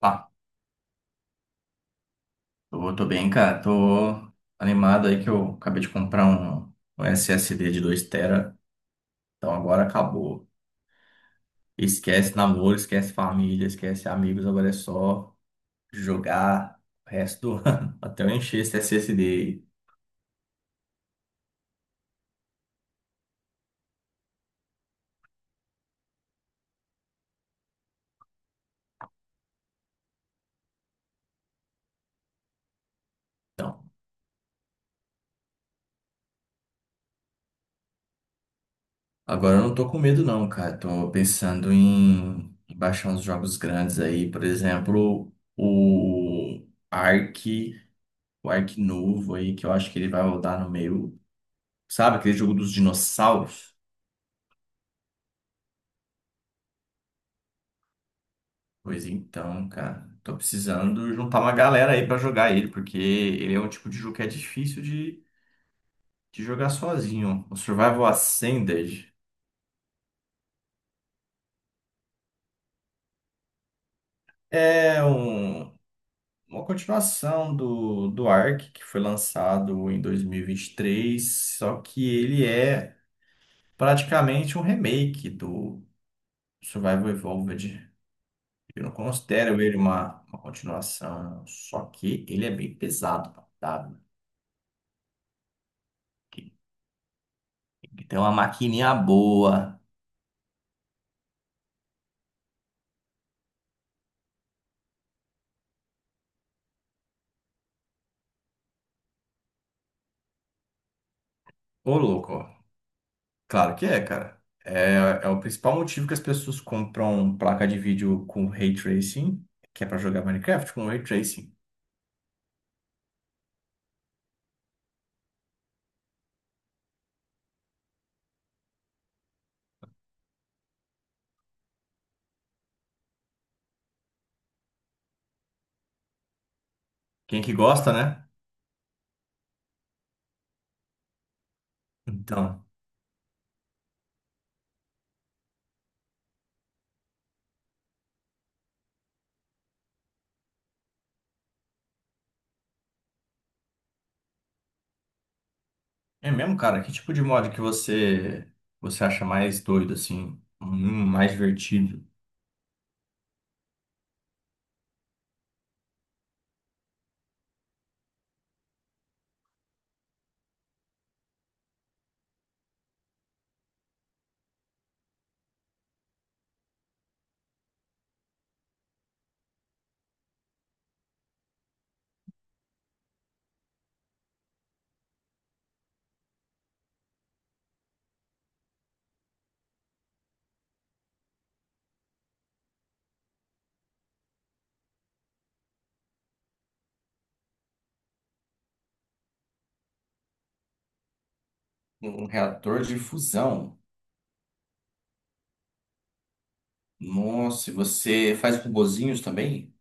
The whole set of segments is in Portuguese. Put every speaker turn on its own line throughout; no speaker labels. Tá, tô bem, cara. Tô animado aí que eu acabei de comprar um SSD de 2 TB. Então agora acabou. Esquece namoro, esquece família, esquece amigos. Agora é só jogar o resto do ano. Até eu encher esse SSD aí. Então, agora eu não tô com medo não, cara. Tô pensando em baixar uns jogos grandes aí. Por exemplo, o Ark, o Ark novo aí, que eu acho que ele vai rodar no meio. Sabe aquele jogo dos dinossauros? Pois então, cara, tô precisando juntar uma galera aí pra jogar ele, porque ele é um tipo de jogo que é difícil de jogar sozinho. O Survival Ascended é um- uma continuação do Ark, que foi lançado em 2023, só que ele é praticamente um remake do Survival Evolved. Eu não considero ele uma continuação, só que ele é bem pesado, tá? Tem que ter uma maquininha boa. Ô, louco. Claro que é, cara. É o principal motivo que as pessoas compram placa de vídeo com ray tracing, que é pra jogar Minecraft com ray tracing. Quem que gosta, né? Então, é mesmo, cara. Que tipo de mod que você acha mais doido assim, mais divertido? Um reator de fusão. Nossa, e você faz robozinhos também?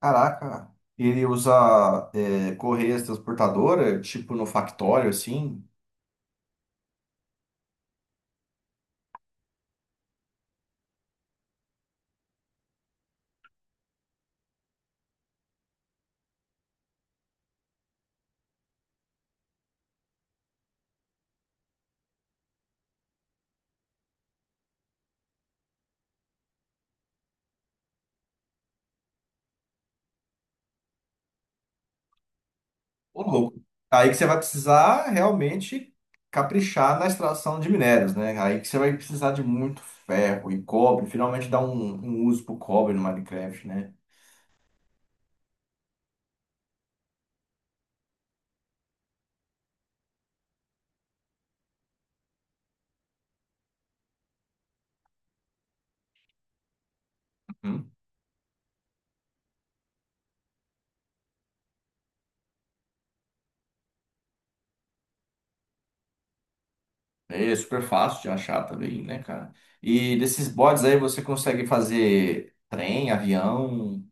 Caraca, ele usa é, correias transportadora, tipo no Factório, assim. Ô, louco. Aí que você vai precisar realmente caprichar na extração de minérios, né? Aí que você vai precisar de muito ferro e cobre. Finalmente dá um uso pro cobre no Minecraft, né? Uhum. É super fácil de achar também, né, cara? E desses bots aí você consegue fazer trem, avião,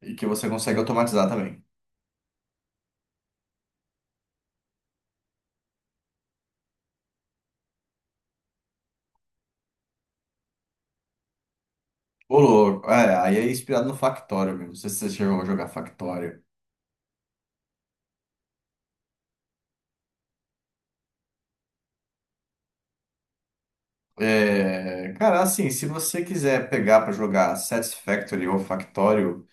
e que você consegue automatizar também. Ô, louco. É, aí é inspirado no Factório mesmo. Não sei se você chegou a jogar Factório. É, cara, assim, se você quiser pegar pra jogar Satisfactory ou Factório.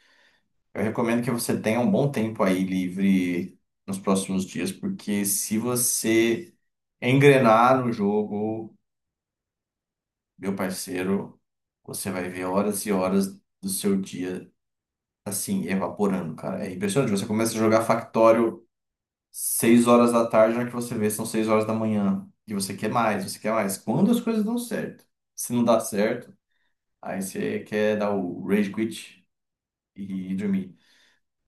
Eu recomendo que você tenha um bom tempo aí livre nos próximos dias, porque se você engrenar no jogo, meu parceiro, você vai ver horas e horas do seu dia assim evaporando, cara. É impressionante. Você começa a jogar Factório 6 horas da tarde, na hora que você vê são 6 horas da manhã, e você quer mais, você quer mais. Quando as coisas dão certo. Se não dá certo, aí você quer dar o rage quit e dormir.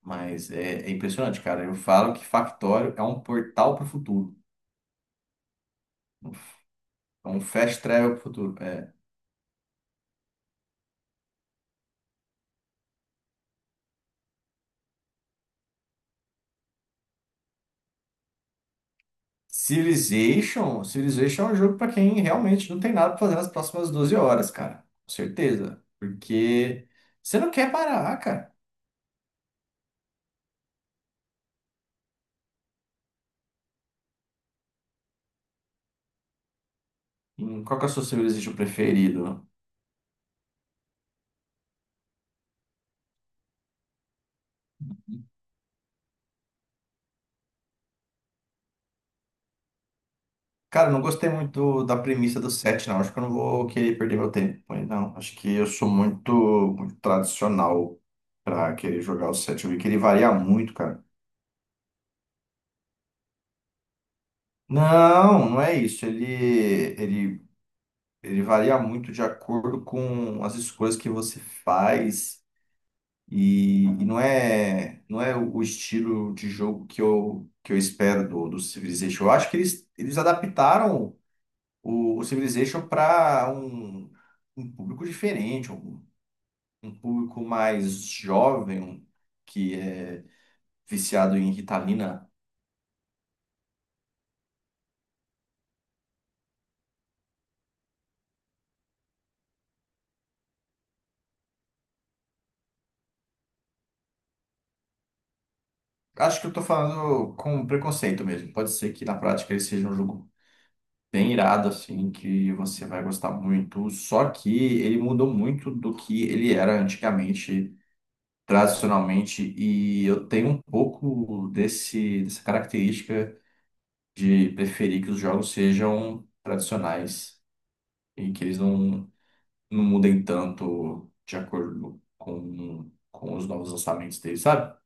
Mas é impressionante, cara. Eu falo que Factório é um portal para o futuro. É um fast travel para o futuro. É. Civilization, Civilization é um jogo para quem realmente não tem nada para fazer nas próximas 12 horas, cara. Com certeza. Porque você não quer parar, cara. Qual que é o seu Civilization preferido? Cara, eu não gostei muito da premissa do set, não. Acho que eu não vou querer perder meu tempo. Mas não, acho que eu sou muito, muito tradicional para querer jogar o set. Eu vi que ele varia muito, cara. Não, não é isso. Ele, ele varia muito de acordo com as escolhas que você faz e não é o estilo de jogo que eu espero do Civilization. Eu acho que eles adaptaram o Civilization para um público diferente, um público mais jovem, que é viciado em Ritalina. Acho que eu tô falando com preconceito mesmo. Pode ser que na prática ele seja um jogo bem irado, assim, que você vai gostar muito. Só que ele mudou muito do que ele era antigamente, tradicionalmente, e eu tenho um pouco desse, dessa característica de preferir que os jogos sejam tradicionais e que eles não mudem tanto de acordo com os novos lançamentos deles, sabe?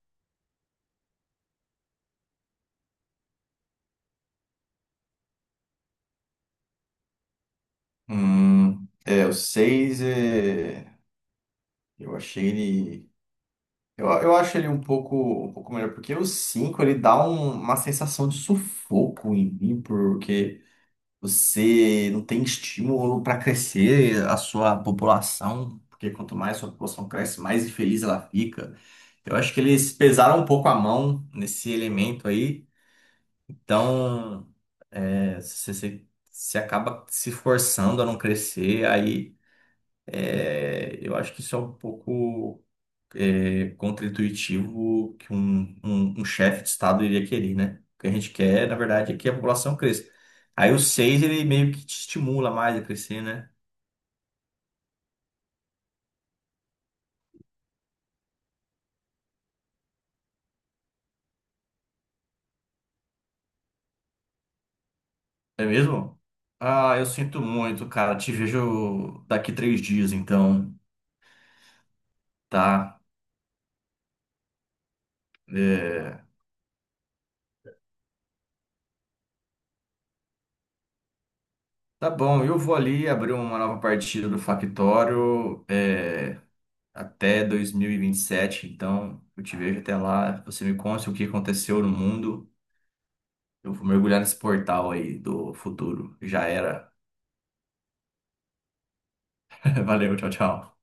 É, o 6 é. Eu achei ele. Eu acho ele um pouco melhor, porque o 5 ele dá uma sensação de sufoco em mim, porque você não tem estímulo para crescer a sua população, porque quanto mais a sua população cresce, mais infeliz ela fica. Então, eu acho que eles pesaram um pouco a mão nesse elemento aí, então é, você, você acaba se forçando a não crescer, aí é, eu acho que isso é um pouco é, contra que um chefe de Estado iria querer, né? O que a gente quer, na verdade, é que a população cresça. Aí o seis ele meio que te estimula mais a crescer, né? É mesmo? Ah, eu sinto muito, cara. Te vejo daqui 3 dias, então, tá? É, tá bom, eu vou ali abrir uma nova partida do Factório, é, até 2027, então eu te vejo até lá. Você me conta o que aconteceu no mundo. Eu vou mergulhar nesse portal aí do futuro. Já era. Valeu, tchau, tchau.